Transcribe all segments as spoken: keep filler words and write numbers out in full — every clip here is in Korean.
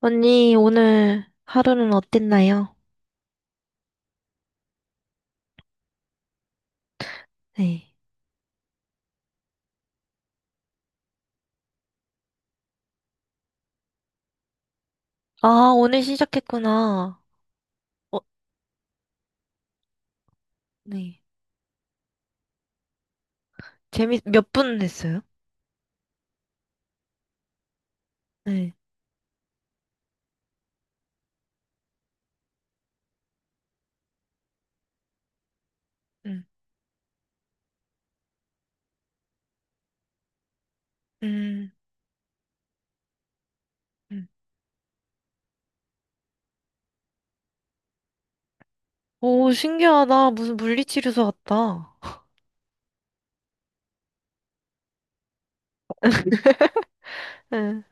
언니, 오늘 하루는 어땠나요? 네. 아, 오늘 시작했구나. 어, 네. 재밌, 몇 분 했어요? 네. 음, 음, 음. 오, 신기하다. 무슨 물리치료소 같다. 네.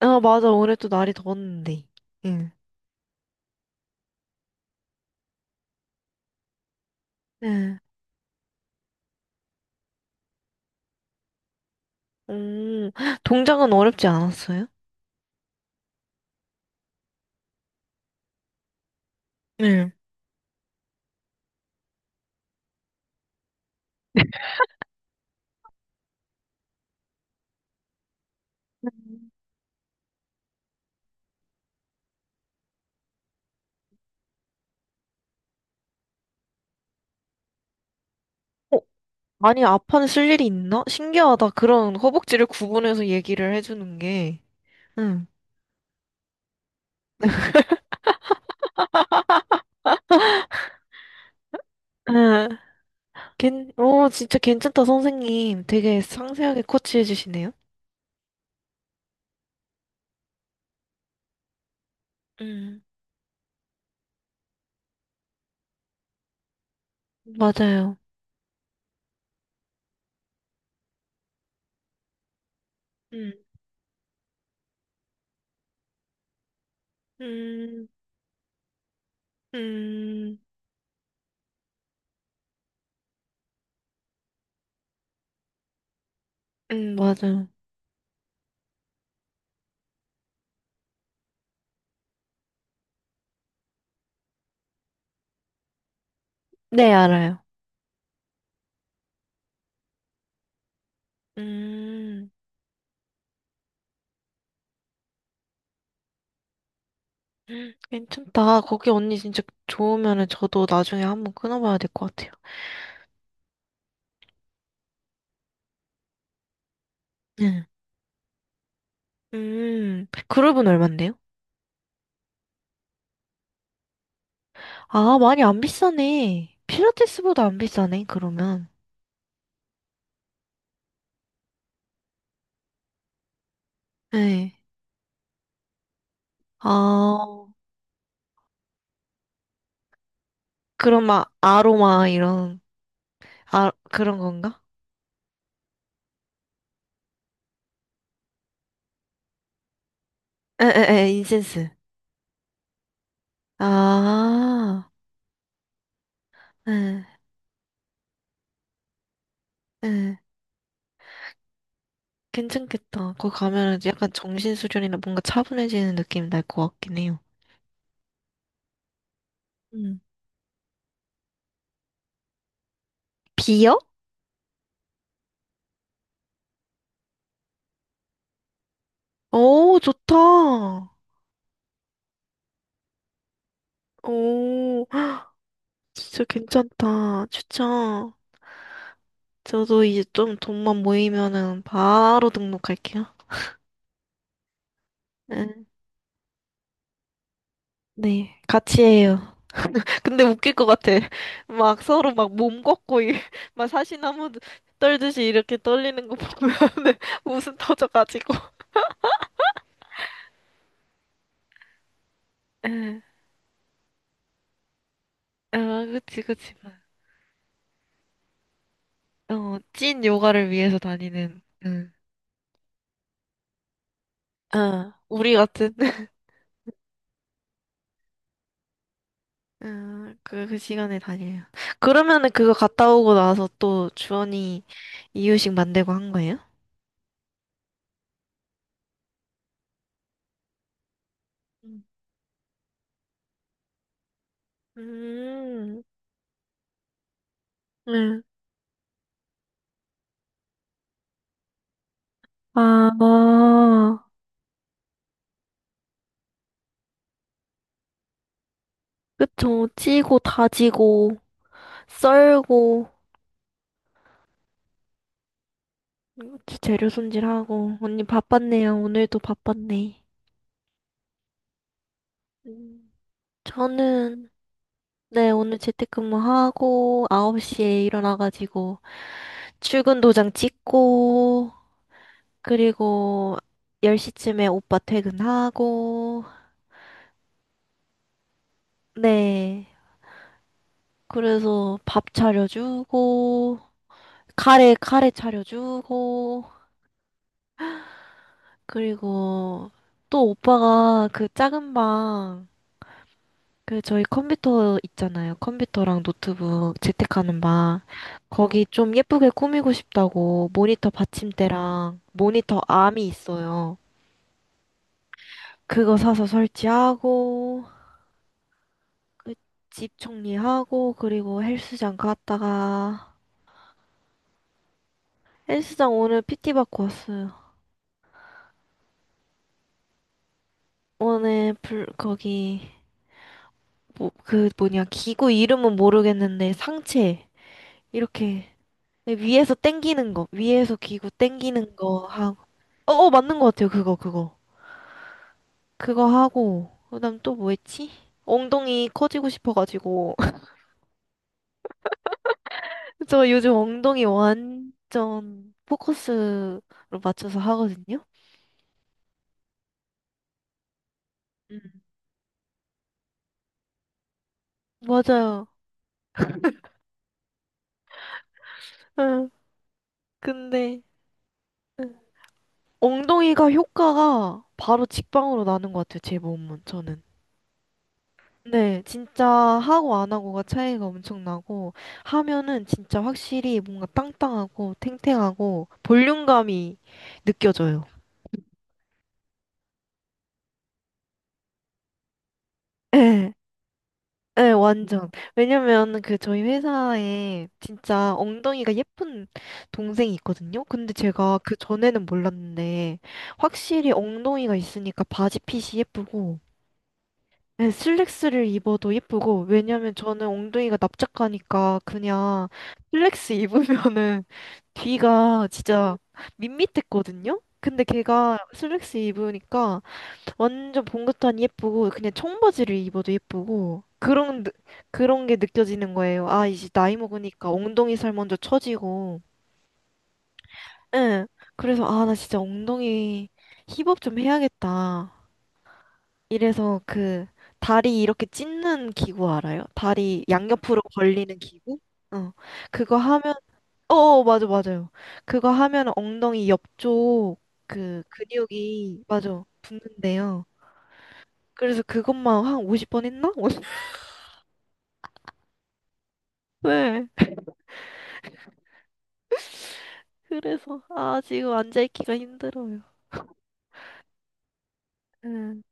아, 맞아. 올해 또 날이 더웠는데. 응. 네. 음, 동작은 어렵지 않았어요? 네. 어, 아니, 아파는 쓸 일이 있나? 신기하다. 그런 허벅지를 구분해서 얘기를 해주는 게. 응. 응. 괜, 오, 진짜 괜찮다, 선생님. 되게 상세하게 코치해 주시네요. 음, 맞아요. 음, 음, 음, 음, 맞아요. 네, 알아요. 음, 괜찮다. 거기 언니 진짜 좋으면은 저도 나중에 한번 끊어봐야 될 것 같아요. 네. 음, 그룹은 얼만데요? 아, 많이 안 비싸네. 필라테스보다 안 비싸네, 그러면. 네. 아, 그럼 막 아로마 이런, 아, 그런 건가? 에에에 인센스. 아, 에, 에. 괜찮겠다. 거기 가면 약간 정신수련이나 뭔가 차분해지는 느낌 날 것 같긴 해요. 음. 비어? 오, 좋다. 오, 진짜 괜찮다. 추천. 저도 이제 좀 돈만 모이면은 바로 등록할게요. 응. 네, 같이 해요. 근데 웃길 것 같아. 막 서로 막 몸 걷고 이- 막 사시나무 떨듯이 이렇게 떨리는 거 보면 웃음 터져가지고. 응, 아, 그치, 그치. 어, 찐 요가를 위해서 다니는. 응. 어, 우리 같은. 응, 그, 그 시간에 다녀요. 그러면은 그거 갔다 오고 나서 또 주원이 이유식 만들고 한 거예요? 음, 음, 응. 아, 그쵸. 찌고 다지고 썰고. 그치, 재료 손질하고. 언니 바빴네요. 오늘도 바빴네. 음, 저는, 네, 오늘 재택근무하고, 아홉 시에 일어나가지고, 출근 도장 찍고, 그리고 열 시쯤에 오빠 퇴근하고, 네. 그래서 밥 차려주고, 카레, 카레 차려주고, 그리고 또 오빠가 그 작은 방, 그 저희 컴퓨터 있잖아요. 컴퓨터랑 노트북 재택하는 방. 거기 좀 예쁘게 꾸미고 싶다고 모니터 받침대랑 모니터 암이 있어요. 그거 사서 설치하고 그 집 정리하고 그리고 헬스장 갔다가 헬스장 오늘 피티 받고 왔어요. 오늘 불 거기 뭐 그 뭐냐 기구 이름은 모르겠는데 상체 이렇게 위에서 당기는 거 위에서 기구 당기는 거 어, 어, 맞는 것 같아요. 그거, 그거. 그거 하고, 그다음 또 뭐 했지? 엉덩이 커지고 싶어가지고. 저 요즘 엉덩이 완전 포커스로 맞춰서 하거든요? 음. 맞아요. 응, 근데, 응. 엉덩이가 효과가 바로 직방으로 나는 것 같아요. 제 몸은, 저는. 네, 진짜 하고 안 하고가 차이가 엄청 나고, 하면은 진짜 확실히 뭔가 땅땅하고 탱탱하고 볼륨감이 느껴져요. 예. 네, 완전. 왜냐면 그 저희 회사에 진짜 엉덩이가 예쁜 동생이 있거든요. 근데 제가 그 전에는 몰랐는데 확실히 엉덩이가 있으니까 바지 핏이 예쁘고 네, 슬랙스를 입어도 예쁘고 왜냐면 저는 엉덩이가 납작하니까 그냥 슬랙스 입으면은 뒤가 진짜 밋밋했거든요. 근데 걔가 슬랙스 입으니까 완전 봉긋한 예쁘고 그냥 청바지를 입어도 예쁘고 그런 느- 그런 게 느껴지는 거예요. 아 이제 나이 먹으니까 엉덩이 살 먼저 처지고 응 그래서 아 나 진짜 엉덩이 힙업 좀 해야겠다. 이래서 그 다리 이렇게 찢는 기구 알아요? 다리 양옆으로 벌리는 기구? 어 그거 하면 어 어, 맞아 맞아요. 그거 하면 엉덩이 옆쪽 그 근육이 맞아 붙는데요. 그래서 그것만 한 오십 번 했나? 네. 그래서, 아, 지금 앉아있기가 힘들어요. 응,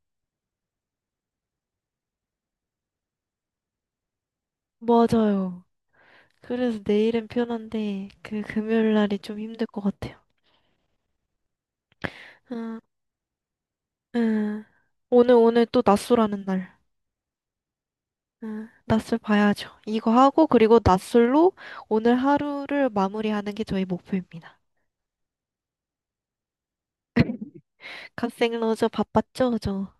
맞아요. 그래서 내일은 편한데, 그 금요일 날이 좀 힘들 것 같아요. 응, 응. 오늘, 오늘 또 낮술하는 날. 응, 낮술 봐야죠. 이거 하고, 그리고 낮술로 오늘 하루를 마무리하는 게 저희 목표입니다. 갓생 러저 바빴죠, 저?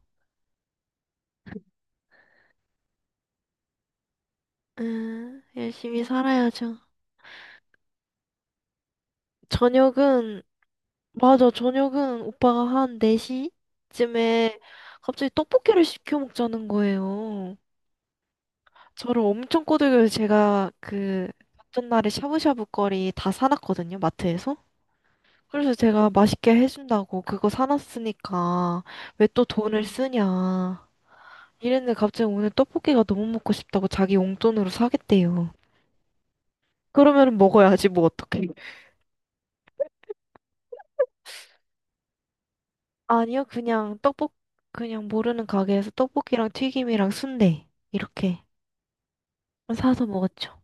응, 열심히 살아야죠. 저녁은 맞아, 저녁은 오빠가 한 네 시쯤에 갑자기 떡볶이를 시켜 먹자는 거예요. 저를 엄청 꼬들겨서 제가 그 전날에 샤브샤브 거리 다 사놨거든요, 마트에서. 그래서 제가 맛있게 해준다고 그거 사놨으니까 왜 또 돈을 쓰냐. 이랬는데 갑자기 오늘 떡볶이가 너무 먹고 싶다고 자기 용돈으로 사겠대요. 그러면 먹어야지, 뭐 어떡해. 아니요, 그냥 떡볶, 그냥 모르는 가게에서 떡볶이랑 튀김이랑 순대. 이렇게. 사서 먹었죠.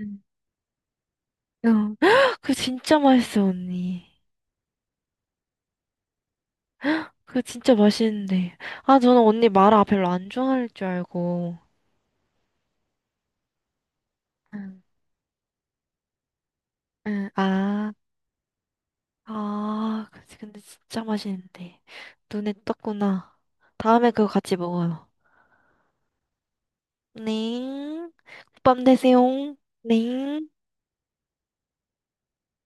음. 응. 그거 진짜 맛있어, 언니. 그거 진짜 맛있는데. 아, 저는 언니 마라 별로 안 좋아할 줄 알고. 응, 응, 아, 아, 그치. 근데 진짜 맛있는데. 눈에 떴구나. 다음에 그거 같이 먹어요. 네. 밤 되세요. 네.